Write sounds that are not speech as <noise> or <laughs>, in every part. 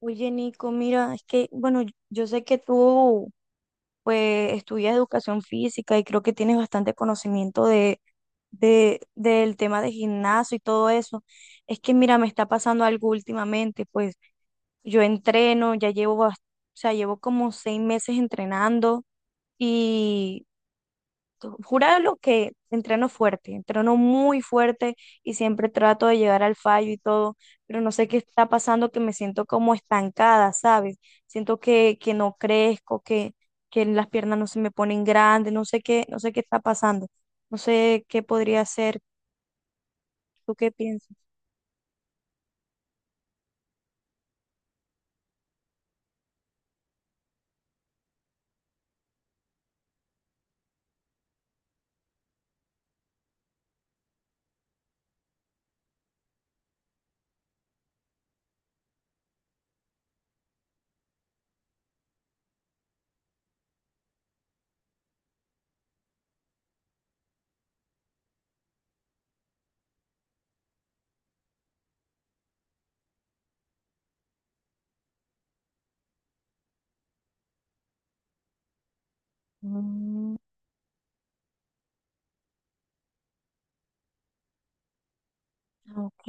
Oye, Nico, mira, es que, bueno, yo sé que tú, pues, estudias educación física y creo que tienes bastante conocimiento del tema de gimnasio y todo eso. Es que, mira, me está pasando algo últimamente, pues, yo entreno, ya llevo, o sea, llevo como 6 meses entrenando y Jurado que entreno fuerte, entreno muy fuerte y siempre trato de llegar al fallo y todo, pero no sé qué está pasando, que me siento como estancada, ¿sabes? Siento que no crezco, que las piernas no se me ponen grandes, no sé qué, no sé qué está pasando, no sé qué podría hacer. ¿Tú qué piensas? Mm, ok.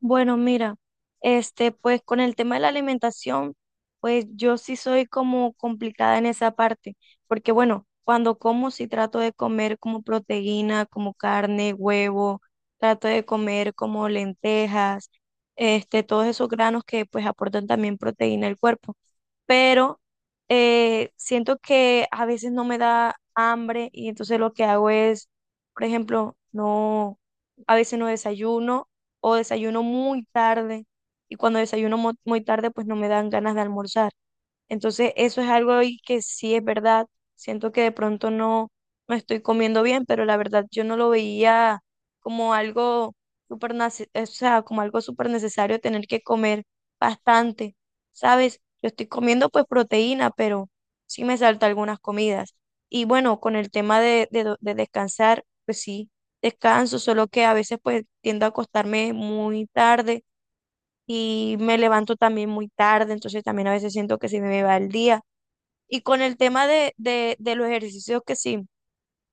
Bueno, mira, este, pues con el tema de la alimentación, pues yo sí soy como complicada en esa parte, porque bueno, cuando como sí trato de comer como proteína, como carne, huevo, trato de comer como lentejas, este, todos esos granos que pues aportan también proteína al cuerpo pero siento que a veces no me da hambre y entonces lo que hago es, por ejemplo, no, a veces no desayuno o desayuno muy tarde y cuando desayuno muy tarde pues no me dan ganas de almorzar. Entonces, eso es algo y que sí es verdad. Siento que de pronto no, no estoy comiendo bien, pero la verdad yo no lo veía como algo o sea, como algo súper necesario tener que comer bastante, ¿sabes? Yo estoy comiendo pues proteína, pero sí me salta algunas comidas. Y bueno, con el tema de descansar, pues sí, descanso, solo que a veces pues tiendo a acostarme muy tarde y me levanto también muy tarde, entonces también a veces siento que se me va el día. Y con el tema de los ejercicios que sí,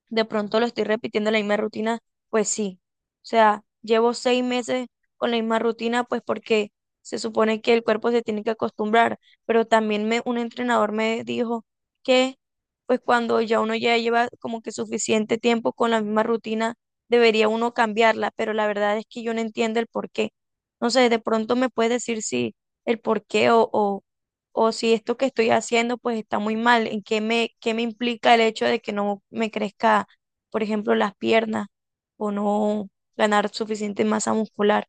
de pronto lo estoy repitiendo la misma rutina, pues sí. O sea, llevo 6 meses con la misma rutina, pues porque se supone que el cuerpo se tiene que acostumbrar, pero también me, un entrenador me dijo que pues cuando ya uno ya lleva como que suficiente tiempo con la misma rutina, debería uno cambiarla, pero la verdad es que yo no entiendo el por qué. No sé, de pronto me puedes decir si el por qué o o si esto que estoy haciendo pues está muy mal, en qué me implica el hecho de que no me crezca, por ejemplo, las piernas o no ganar suficiente masa muscular.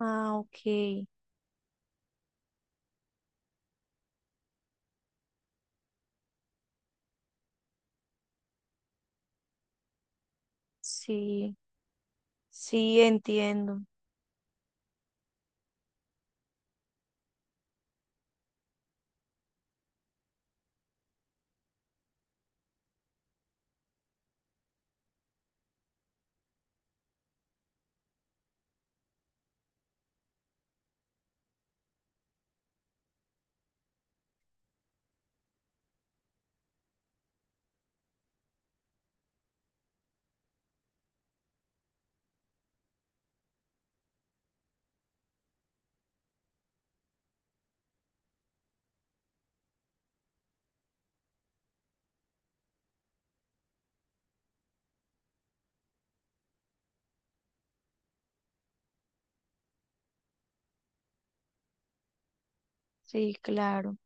Ah, ok, sí, sí, entiendo, sí, claro,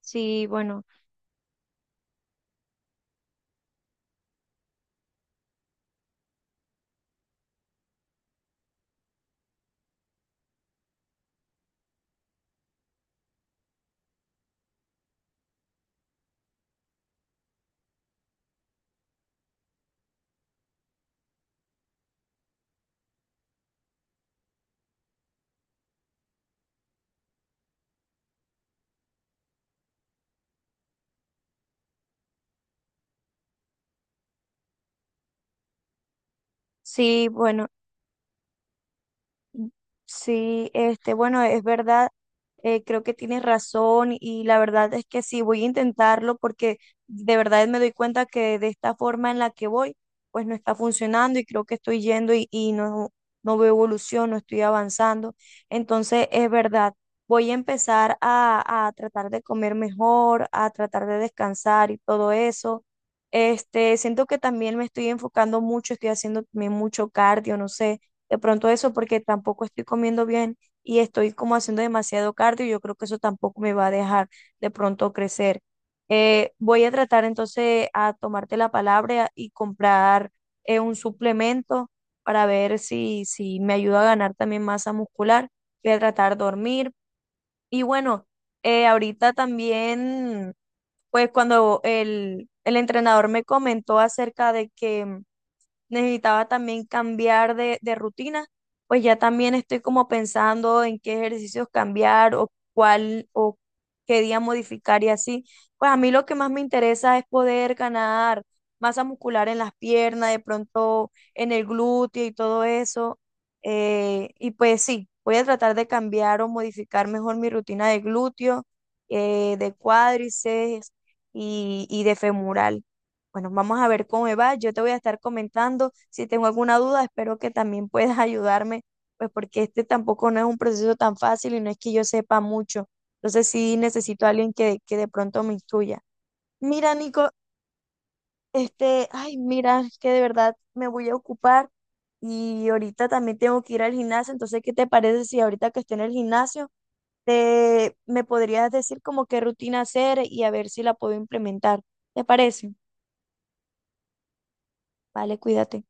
sí, bueno, sí, bueno. Sí, este, bueno, es verdad, creo que tienes razón y la verdad es que sí, voy a intentarlo porque de verdad me doy cuenta que de esta forma en la que voy, pues no está funcionando y creo que estoy yendo y no, no veo evolución, no estoy avanzando. Entonces, es verdad, voy a empezar a tratar de comer mejor, a tratar de descansar y todo eso. Este, siento que también me estoy enfocando mucho, estoy haciendo también mucho cardio, no sé de pronto eso porque tampoco estoy comiendo bien y estoy como haciendo demasiado cardio y yo creo que eso tampoco me va a dejar de pronto crecer. Voy a tratar entonces a tomarte la palabra y comprar un suplemento para ver si, si me ayuda a ganar también masa muscular. Voy a tratar de dormir. Y bueno, ahorita también, pues cuando el entrenador me comentó acerca de que necesitaba también cambiar de rutina, pues ya también estoy como pensando en qué ejercicios cambiar o cuál o qué día modificar y así. Pues a mí lo que más me interesa es poder ganar masa muscular en las piernas, de pronto en el glúteo y todo eso. Y pues sí, voy a tratar de cambiar o modificar mejor mi rutina de glúteo, de cuádriceps y de femoral. Bueno, vamos a ver cómo me va. Yo te voy a estar comentando. Si tengo alguna duda, espero que también puedas <laughs> ayudarme, pues porque este tampoco no es un proceso tan fácil y no es que yo sepa mucho. Entonces sí necesito a alguien que de pronto me instruya. Mira, Nico, este, ay, mira, es que de verdad me voy a ocupar y ahorita también tengo que ir al gimnasio. Entonces, ¿qué te parece si ahorita que esté en el gimnasio, te, me podrías decir como qué rutina hacer y a ver si la puedo implementar? ¿Te parece? Vale, cuídate.